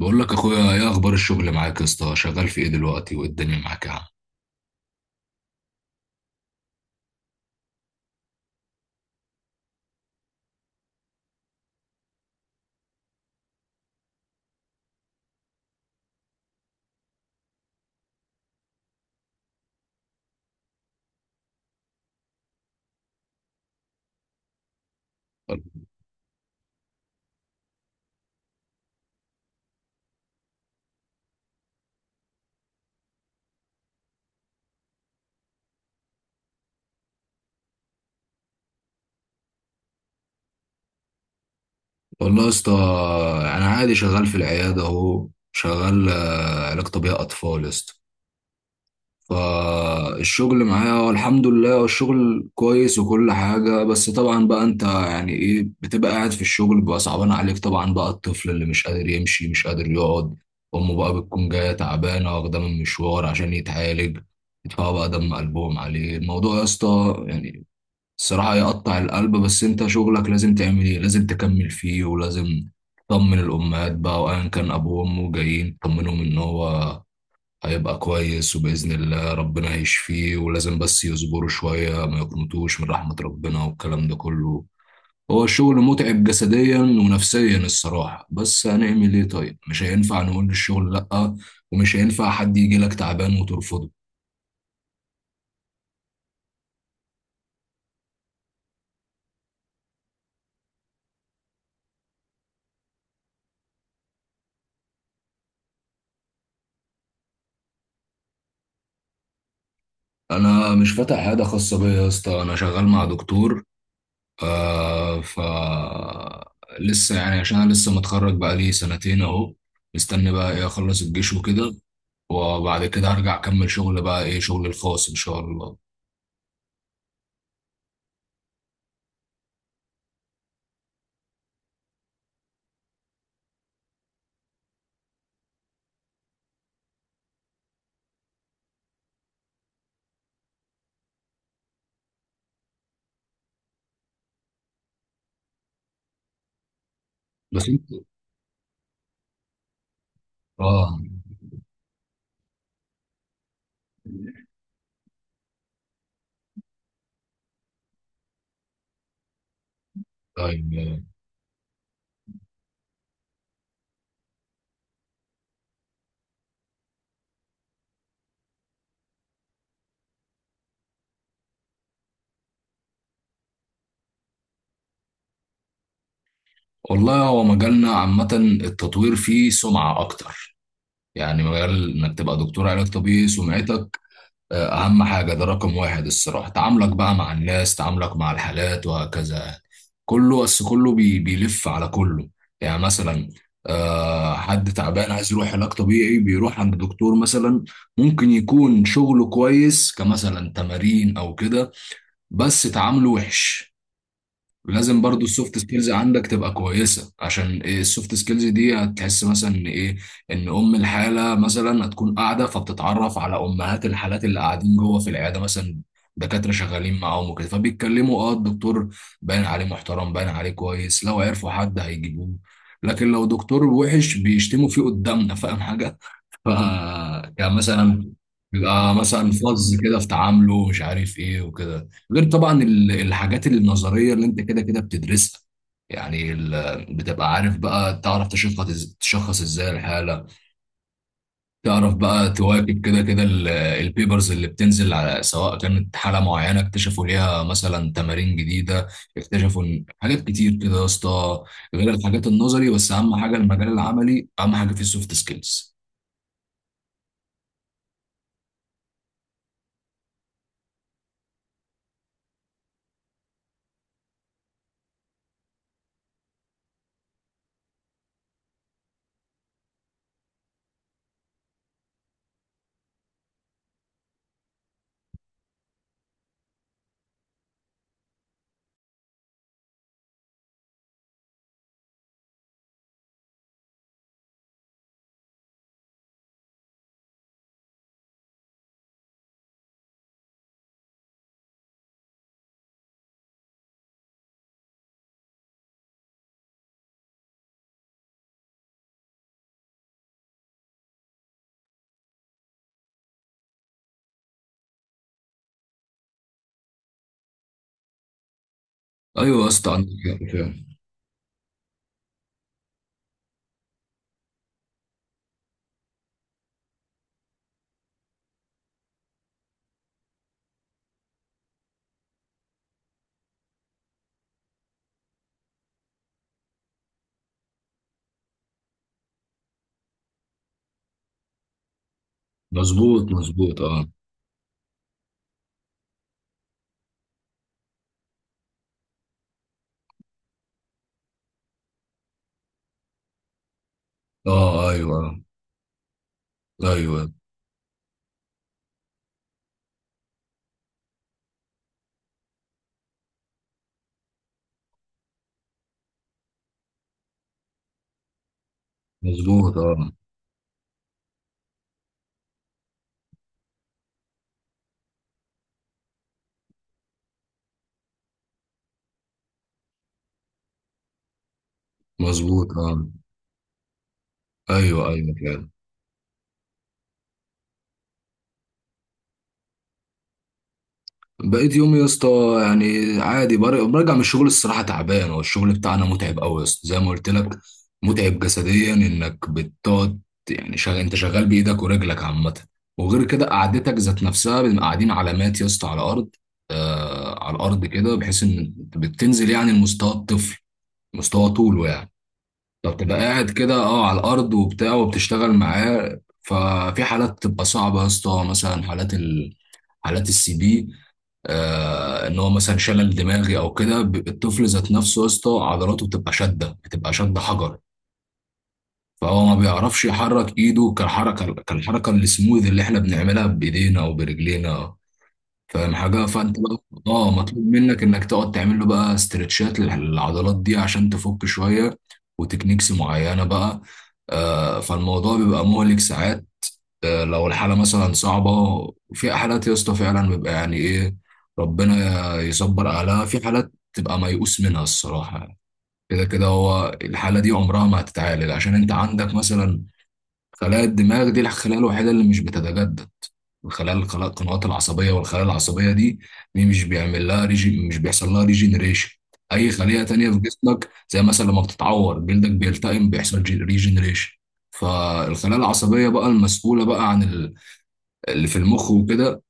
بقول لك اخويا ايه اخبار الشغل معاك يا اسطى؟ شغال في ايه دلوقتي والدنيا معاك يا عم؟ والله يا اسطى انا عادي شغال في العياده اهو، شغال علاج طبيعي اطفال يا اسطى. فالشغل معايا هو الحمد لله، والشغل كويس وكل حاجه. بس طبعا بقى انت يعني ايه، بتبقى قاعد في الشغل بقى صعبان عليك طبعا بقى الطفل اللي مش قادر يمشي مش قادر يقعد، امه بقى بتكون جايه تعبانه واخده من مشوار عشان يتعالج، يدفعوا بقى دم قلبهم عليه. الموضوع يا اسطى يعني الصراحة يقطع القلب، بس انت شغلك لازم تعمل ايه، لازم تكمل فيه، ولازم تطمن الأمهات بقى، وأيا كان أبوه وأمه جايين تطمنهم إن هو هيبقى كويس وبإذن الله ربنا هيشفيه، ولازم بس يصبروا شوية، ما يقنطوش من رحمة ربنا والكلام ده كله. هو الشغل متعب جسديا ونفسيا الصراحة، بس هنعمل ايه؟ طيب مش هينفع نقول للشغل لأ، ومش هينفع حد يجي لك تعبان وترفضه. أنا مش فاتح عيادة خاصة بيا يا اسطى، أنا شغال مع دكتور. ف لسه يعني، عشان انا لسه متخرج بقالي سنتين اهو، مستني بقى ايه، اخلص الجيش وكده، وبعد كده هرجع اكمل شغل بقى ايه، شغل الخاص ان شاء الله. بس انت اه. طيب والله هو مجالنا عامة التطوير فيه سمعة اكتر، يعني مجال انك تبقى دكتور علاج طبيعي، سمعتك اهم حاجة، ده رقم واحد الصراحة. تعاملك بقى مع الناس، تعاملك مع الحالات، وهكذا يعني. كله بس كله بيلف على كله. يعني مثلا آه حد تعبان عايز يروح علاج طبيعي، بيروح عند دكتور مثلا ممكن يكون شغله كويس، كمثلا تمارين او كده، بس تعامله وحش. لازم برضو السوفت سكيلز عندك تبقى كويسة، عشان إيه؟ السوفت سكيلز دي هتحس مثلا ان ايه، ان ام الحالة مثلا هتكون قاعدة، فبتتعرف على امهات الحالات اللي قاعدين جوه في العيادة مثلا دكاترة شغالين معاهم وكده، فبيتكلموا، اه الدكتور باين عليه محترم، باين عليه كويس، لو عرفوا حد هيجيبوه. لكن لو دكتور وحش بيشتموا فيه قدامنا، فاهم حاجة؟ ف- كان مثلا بيبقى مثلا فظ كده في تعامله، مش عارف ايه وكده. غير طبعا الحاجات النظريه اللي انت كده كده بتدرسها، يعني بتبقى عارف بقى تعرف تشخص، ازاي الحاله، تعرف بقى تواكب كده كده البيبرز اللي بتنزل على سواء كانت حاله معينه اكتشفوا ليها مثلا تمارين جديده، اكتشفوا حاجات كتير كده يا اسطى، غير الحاجات النظري. بس اهم حاجه المجال العملي، اهم حاجه في السوفت سكيلز. ايوه يا اسطى عندك حق فعلا. مظبوط مظبوط اه. اه ايوه ايوه. مظبوط اه. مظبوط اه. ايوه ايوه فعلا. بقيت يومي يا اسطى يعني عادي، برجع من الشغل الصراحه تعبان، هو الشغل بتاعنا متعب قوي يا اسطى زي ما قلت لك. متعب جسديا، انك بتقعد يعني انت شغال بايدك ورجلك عامه. وغير كده قعدتك ذات نفسها بنبقى قاعدين علامات يا اسطى على الارض، آه على الارض كده، بحيث ان بتنزل يعني لمستوى الطفل، مستوى طوله يعني. فبتبقى قاعد كده اه على الارض وبتاع وبتشتغل معاه. ففي حالات بتبقى صعبه يا اسطى، مثلا حالات حالات السي بي، آه ان هو مثلا شلل دماغي او كده. الطفل ذات نفسه يا اسطى عضلاته بتبقى شاده، بتبقى شاده حجر، فهو ما بيعرفش يحرك ايده كالحركه السموذ اللي احنا بنعملها بايدينا او برجلينا، فاهم حاجه؟ فانت بقى اه مطلوب منك انك تقعد تعمل له بقى استرتشات للعضلات دي عشان تفك شويه، وتكنيكس معينه بقى. آه فالموضوع بيبقى مهلك ساعات آه لو الحاله مثلا صعبه. وفي حالات يا اسطى فعلا بيبقى يعني ايه، ربنا يصبر اهلها، في حالات تبقى ميؤوس منها الصراحه. كده كده هو الحاله دي عمرها ما هتتعالج، عشان انت عندك مثلا خلايا الدماغ دي الخلايا الوحيدة اللي مش بتتجدد. الخلايا القنوات العصبية والخلايا العصبية دي، دي مش بيعمل لها مش بيحصل لها ريجينريشن. أي خلية تانية في جسمك زي مثلا لما بتتعور جلدك بيلتئم، بيحصل ريجينريشن. فالخلايا العصبية بقى المسؤولة بقى عن اللي في المخ وكده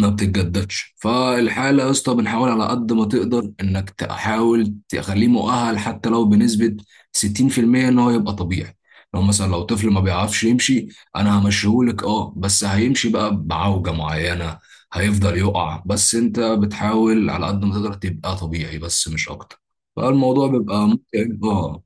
ما بتتجددش. فالحالة يا اسطى بنحاول على قد ما تقدر انك تحاول تخليه مؤهل، حتى لو بنسبة 60% ان هو يبقى طبيعي. لو مثلا لو طفل ما بيعرفش يمشي، انا همشيهولك اه، بس هيمشي بقى بعوجة معينة، هيفضل يقع، بس انت بتحاول على قد ما تقدر تبقى طبيعي، بس مش اكتر. فالموضوع بيبقى ممتع اه.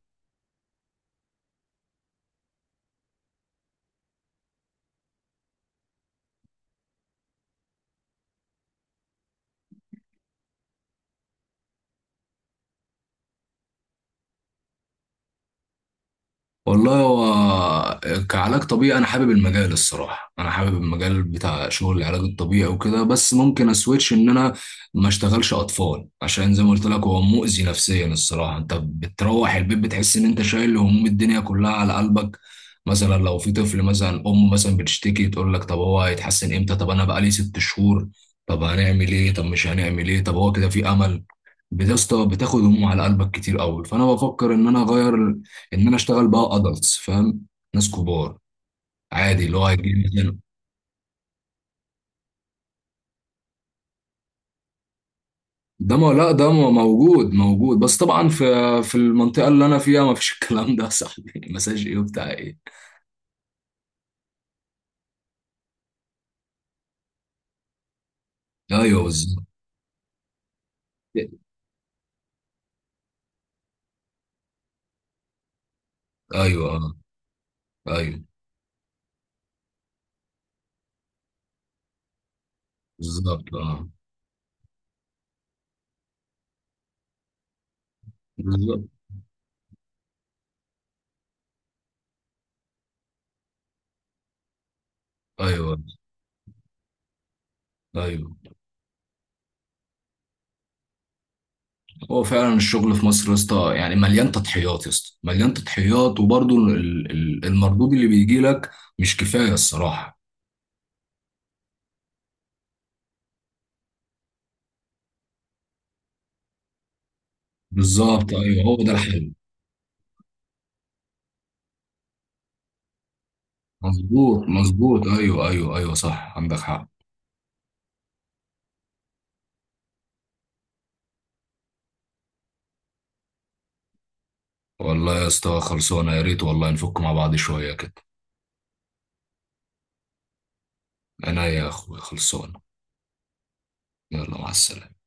والله هو كعلاج طبيعي انا حابب المجال الصراحه، انا حابب المجال بتاع شغل العلاج الطبيعي وكده، بس ممكن اسويتش ان انا ما اشتغلش اطفال، عشان زي ما قلت لك هو مؤذي نفسيا الصراحه. انت بتروح البيت بتحس ان انت شايل هموم الدنيا كلها على قلبك. مثلا لو في طفل مثلا، ام مثلا بتشتكي تقول لك طب هو هيتحسن امتى؟ طب انا بقالي 6 شهور، طب هنعمل ايه، طب مش هنعمل ايه، طب هو كده في امل؟ يا اسطى بتاخد هموم على قلبك كتير قوي. فانا بفكر ان انا اغير ان انا اشتغل بقى ادلتس، فاهم؟ ناس كبار، عادي اللي هو هيجي مثلا. ده ما لا ده موجود موجود، بس طبعا في في المنطقه اللي انا فيها ما فيش الكلام ده يا صاحبي مساج ايه وبتاع ايه. ايوه بالظبط. ايوه اه ايوه. بالظبط اه. بالظبط. ايوه ايوه. هو فعلا الشغل في مصر يا اسطى يعني مليان تضحيات، يا اسطى مليان تضحيات، وبرضه المردود اللي بيجي لك مش كفايه الصراحه. بالظبط ايوه هو ده الحل. مظبوط مظبوط ايوه ايوه ايوه صح عندك حق. والله يا اسطى خلصانه، يا ريت والله نفك مع بعض شويه كده. انا يا اخويا خلصانه. يلا مع السلامه.